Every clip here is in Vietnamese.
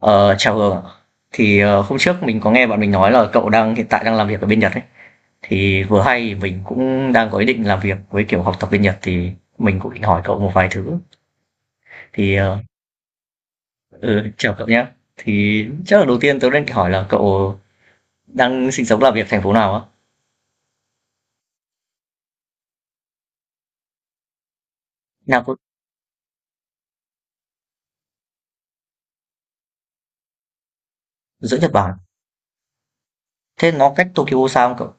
Ờ, chào Hường ạ. Thì hôm trước mình có nghe bạn mình nói là cậu hiện tại đang làm việc ở bên Nhật ấy. Thì vừa hay mình cũng đang có ý định làm việc với kiểu học tập bên Nhật, thì mình cũng định hỏi cậu một vài thứ. Thì ờ, ừ, chào cậu nhé. Thì chắc là đầu tiên tớ đang hỏi là cậu đang sinh sống làm việc thành phố nào á? Nào có giữa Nhật Bản. Thế nó cách Tokyo xa không cậu?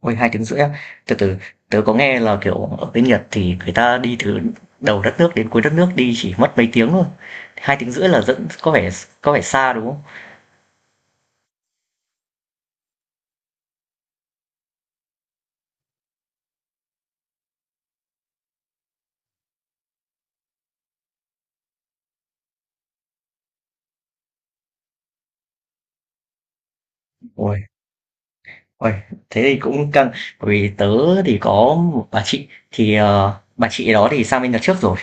Ôi, 2 tiếng rưỡi á? Từ từ, tớ có nghe là, kiểu, ở bên Nhật thì người ta đi từ đầu đất nước đến cuối đất nước đi chỉ mất mấy tiếng thôi. 2 tiếng rưỡi là dẫn có vẻ xa, đúng không? Uầy, uầy, thế thì cũng căng. Bởi vì tớ thì có một bà chị, thì, bà chị đó thì sang bên Nhật trước rồi.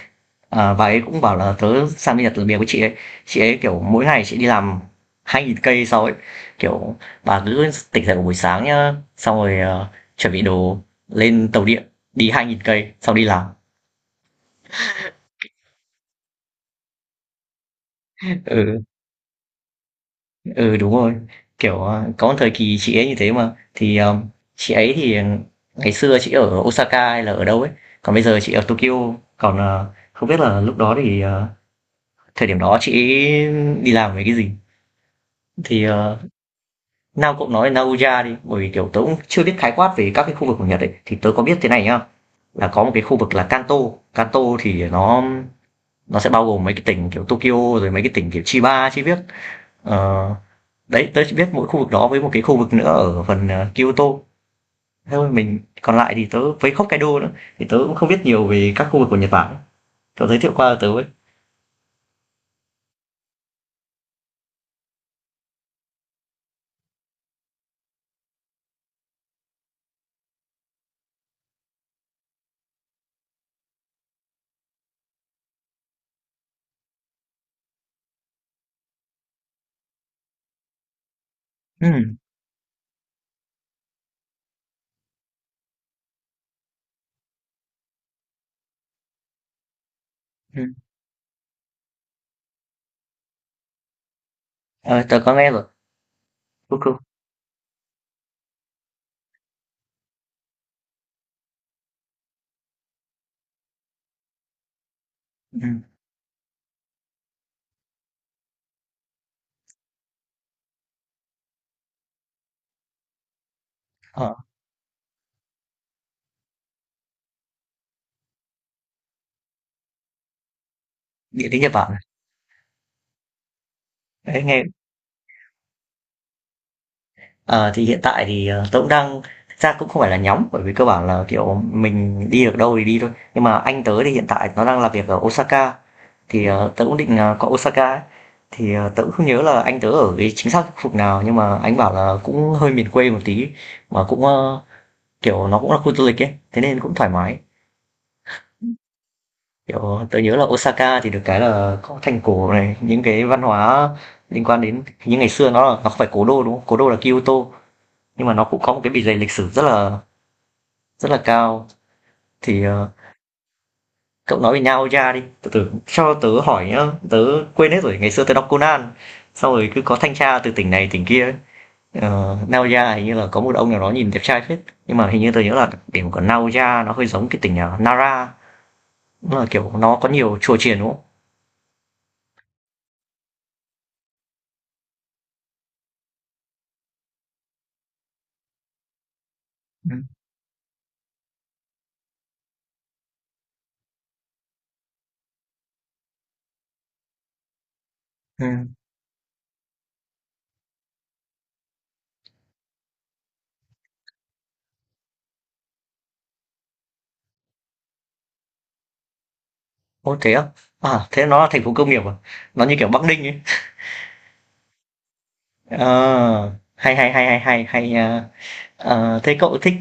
Bà ấy cũng bảo là tớ sang bên Nhật làm việc với Chị ấy kiểu mỗi ngày chị đi làm 2.000 cây sau ấy, kiểu bà cứ tỉnh dậy vào buổi sáng nhá, xong rồi chuẩn bị đồ, lên tàu điện, đi 2.000 cây xong đi làm. Ừ, ừ, đúng rồi. Kiểu có một thời kỳ chị ấy như thế. Mà thì chị ấy thì ngày xưa chị ở Osaka hay là ở đâu ấy, còn bây giờ chị ở Tokyo. Còn không biết là lúc đó thì thời điểm đó chị ấy đi làm về cái gì thì nào cậu nói Naoya đi, bởi vì kiểu tớ cũng chưa biết khái quát về các cái khu vực của Nhật ấy, thì tớ có biết thế này nhá: là có một cái khu vực là Kanto. Kanto thì nó sẽ bao gồm mấy cái tỉnh kiểu Tokyo, rồi mấy cái tỉnh kiểu Chiba chi biết. Ờ, đấy tớ chỉ biết mỗi khu vực đó, với một cái khu vực nữa ở phần Kyoto thôi. Mình còn lại thì tớ với Hokkaido nữa, thì tớ cũng không biết nhiều về các khu vực của Nhật Bản, cậu giới thiệu qua cho tớ ấy. Ừ. Ừ. Ờ, tớ có nghe rồi. Fuku ừ. Ờ, địa lý Nhật Bản đấy nghe. Ờ, thì hiện tại thì, tớ cũng đang, thực ra cũng không phải là nhóm, bởi vì cơ bản là, kiểu, mình đi được đâu thì đi thôi. Nhưng mà anh tớ thì hiện tại nó đang làm việc ở Osaka, thì, tớ cũng định, qua Osaka ấy. Thì, tớ cũng không nhớ là anh tớ ở cái chính xác khu vực nào, nhưng mà anh bảo là cũng hơi miền quê một tí, mà cũng, ơ, kiểu, nó cũng là khu du lịch ấy, thế nên cũng thoải mái. Kiểu, tớ nhớ là Osaka thì được cái là có thành cổ này, những cái văn hóa liên quan đến những ngày xưa. Nó là, nó không phải cố đô, đúng không? Cố đô là Kyoto, nhưng mà nó cũng có một cái bề dày lịch sử rất là cao. Thì cậu nói về nhà, đi từ từ cho tớ hỏi nhá. Tớ quên hết rồi, ngày xưa tớ đọc Conan sau rồi cứ có thanh tra từ tỉnh này tỉnh kia ấy. Ờ, Naoya hình như là có một ông nào đó nhìn đẹp trai phết, nhưng mà hình như tớ nhớ là điểm của Naoya nó hơi giống cái tỉnh Nara, nó là kiểu nó có nhiều chùa chiền, đúng không? Ừ. Ừ. Ô thế á? À thế nó là thành phố công nghiệp à? Nó như kiểu Bắc Ninh ấy. Ờ, hay, hay, hay, hay, hay, hay nha. Ờ, thế cậu thích,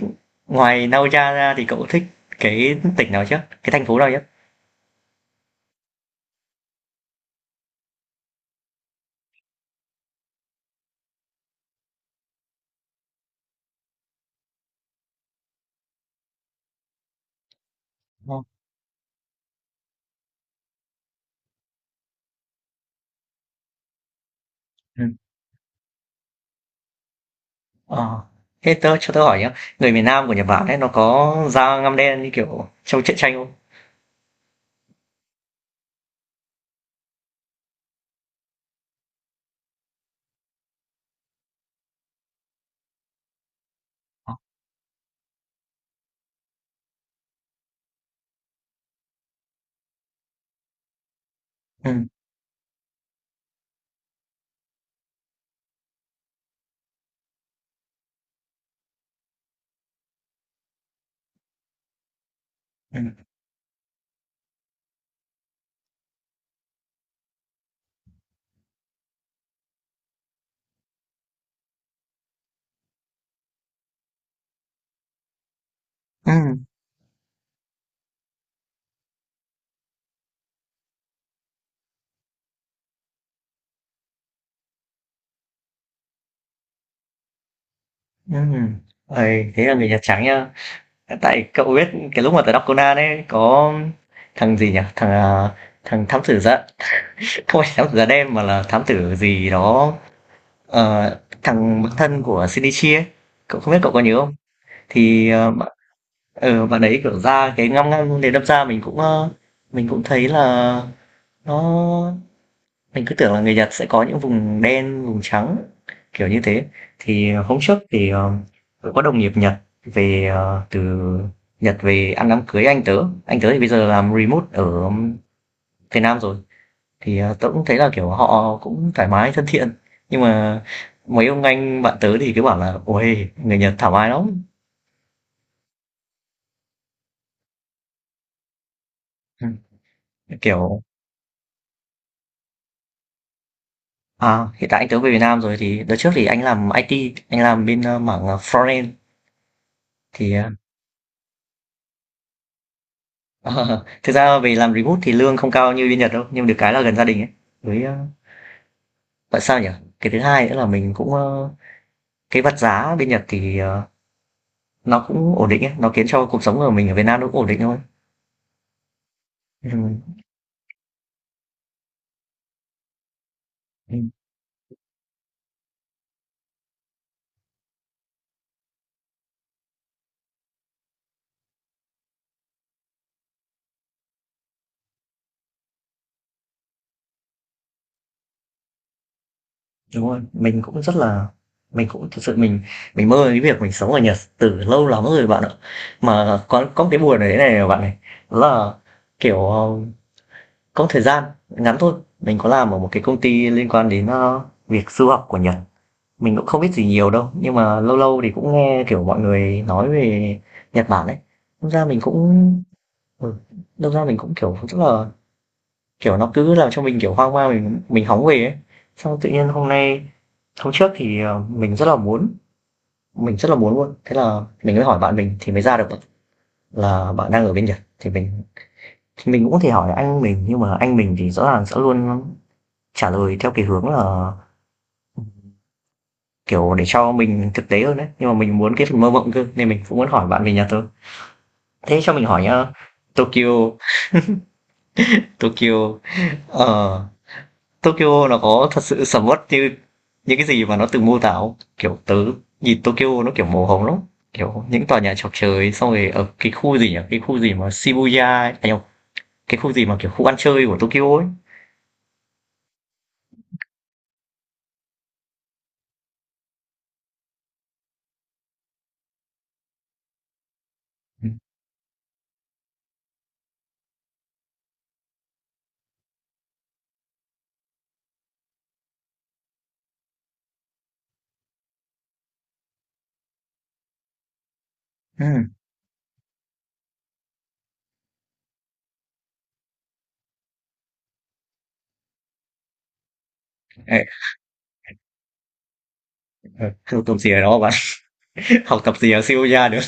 ngoài Nagoya ra thì cậu thích cái tỉnh nào chứ, cái thành phố nào chứ? Đúng. Ừ. Ờ, thế tớ cho tớ hỏi nhá, người miền Nam của Nhật Bản ấy nó có da ngăm đen như kiểu trong truyện tranh không? Ờ. Ừ, ừ, ừ, ừ. Ôi, thế là người Nhật trắng nhá. Tại cậu biết, cái lúc mà tớ đọc Conan ấy có thằng gì nhỉ? Thằng à, thằng thám tử da không phải thám tử da đen mà là thám tử gì đó. Ờ, thằng bạn thân của Shinichi ấy, cậu không biết cậu có nhớ không? Thì bạn, bạn ấy kiểu ra cái ngăm ngăm, để đâm ra mình cũng, mình cũng thấy là nó, mình cứ tưởng là người Nhật sẽ có những vùng đen, vùng trắng kiểu như thế. Thì hôm trước thì tớ có đồng nghiệp Nhật về từ Nhật về ăn đám cưới anh tớ. Anh tớ thì bây giờ làm remote ở Việt Nam rồi. Thì, tớ cũng thấy là, kiểu, họ cũng thoải mái, thân thiện, nhưng mà mấy ông anh bạn tớ thì cứ bảo là "Uầy, người Nhật thoải mái lắm!" Ừm, kiểu à, hiện tại anh tớ về Việt Nam rồi. Thì đợt trước thì anh làm IT, anh làm bên, ơ, mảng, Front-end. Thì, thực ra về làm remote thì lương không cao như bên Nhật đâu, nhưng được cái là gần gia đình ấy, với, ơ, tại sao nhỉ? Cái thứ hai nữa là mình cũng, ơ, cái vật giá bên Nhật thì, nó cũng ổn định ấy, nó khiến cho cuộc sống của mình ở Việt Nam nó cũng ổn định thôi. Ừm. Đúng rồi, mình cũng rất là, mình cũng thực sự mình mơ cái việc mình sống ở Nhật từ lâu lắm rồi bạn ạ. Mà có một cái buồn ở đấy này bạn này, đó là, kiểu, có một thời gian ngắn thôi, mình có làm ở một cái công ty liên quan đến, ơ, việc du học của Nhật. Mình cũng không biết gì nhiều đâu, nhưng mà lâu lâu thì cũng nghe, kiểu, mọi người nói về Nhật Bản ấy, đâm ra mình cũng, ừ, đâm ra mình cũng, kiểu, rất là. Kiểu nó cứ làm cho mình, kiểu, hoang mang. Mình hóng về ấy. Xong tự nhiên hôm nay, hôm trước thì, mình rất là muốn, mình rất là muốn luôn, thế là mình mới hỏi bạn mình thì mới ra được là bạn đang ở bên Nhật. Thì mình, thì mình cũng có thể hỏi anh mình, nhưng mà anh mình thì rõ ràng sẽ luôn trả lời theo cái hướng là, kiểu, để cho mình thực tế hơn đấy, nhưng mà mình muốn cái phần mơ mộng cơ, nên mình cũng muốn hỏi bạn về Nhật thôi. Thế cho mình hỏi nhá, Tokyo Tokyo, ờ Tokyo nó có thật sự sầm uất như những cái gì mà nó từng mô tả không? Kiểu tớ nhìn Tokyo nó kiểu màu hồng lắm. Kiểu những tòa nhà chọc trời, xong rồi ở cái khu gì nhỉ? Cái khu gì mà Shibuya ấy. À, nhầm, cái khu gì mà kiểu khu ăn chơi của Tokyo ấy. Ừ. Ừ. Ê, ờ, học tập gì ở đó bạn? Học tập gì ở Shibuya được?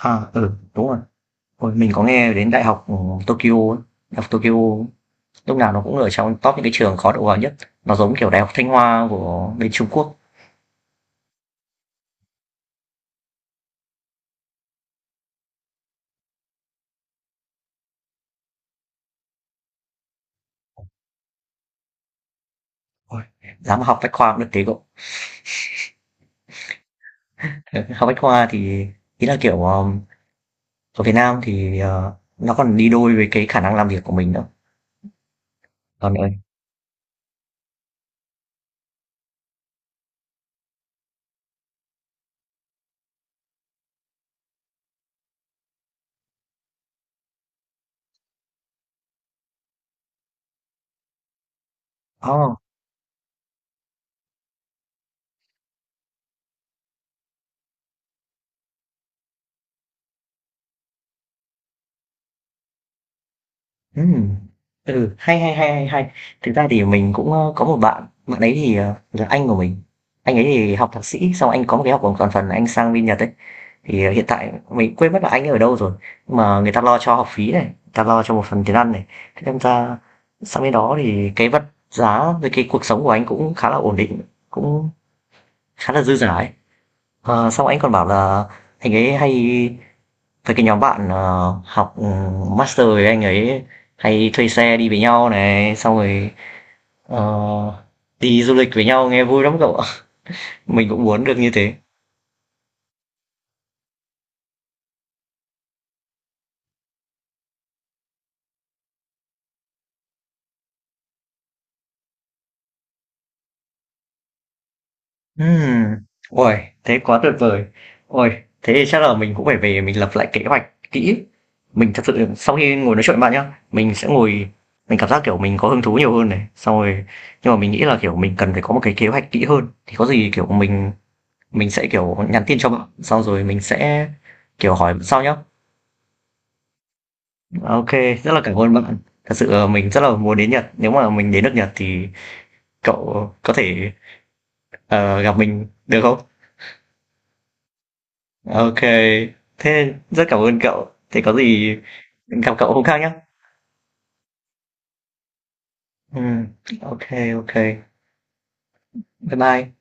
À, ừ, đúng rồi. Ôi, mình có nghe đến đại học, Tokyo ấy. Đại học Tokyo lúc nào nó cũng ở trong top những cái trường khó đậu vào nhất. Nó giống kiểu đại học Thanh Hoa của bên Trung Quốc. Ôi, dám học bách khoa cũng được tí cậu. Học Bách Khoa thì, ý là, kiểu, ở Việt Nam thì, nó còn đi đôi với cái khả năng làm việc của mình nữa. Còn ở, oh, ừm, ừ, hay, hay, hay, hay, hay. Thực ra thì mình cũng, ơ, có một bạn, bạn ấy thì, là anh của mình. Anh ấy thì học thạc sĩ, xong anh có một cái học bổng toàn phần, anh sang bên Nhật ấy. Thì, hiện tại mình quên mất là anh ấy ở đâu rồi, nhưng mà người ta lo cho học phí này, người ta lo cho một phần tiền ăn này. Thế nên ra sang bên đó thì cái vật giá với cái cuộc sống của anh cũng khá là ổn định, cũng khá là dư dả ấy. Ờ, xong anh còn bảo là anh ấy hay với cái nhóm bạn học, master với anh ấy hay thuê xe đi với nhau này, xong rồi ờ, đi du lịch với nhau nghe vui lắm cậu ạ. Mình cũng muốn được như thế. Ừm. Ôi, thế quá tuyệt vời. Ôi, thế thì chắc là mình cũng phải về mình lập lại kế hoạch kỹ. Mình thật sự sau khi ngồi nói chuyện với bạn nhá, mình sẽ ngồi, mình cảm giác kiểu mình có hứng thú nhiều hơn này, xong rồi nhưng mà mình nghĩ là kiểu mình cần phải có một cái kế hoạch kỹ hơn. Thì có gì kiểu mình sẽ kiểu nhắn tin cho bạn sau, rồi mình sẽ kiểu hỏi sau nhá. Ok. Rất là cảm ơn bạn, thật sự mình rất là muốn đến Nhật. Nếu mà mình đến nước Nhật thì cậu có thể, gặp mình được không? Ok. Thế rất cảm ơn cậu, thế có gì gặp cậu hôm khác nhá. Ừ, ok. Ok. Bye bye.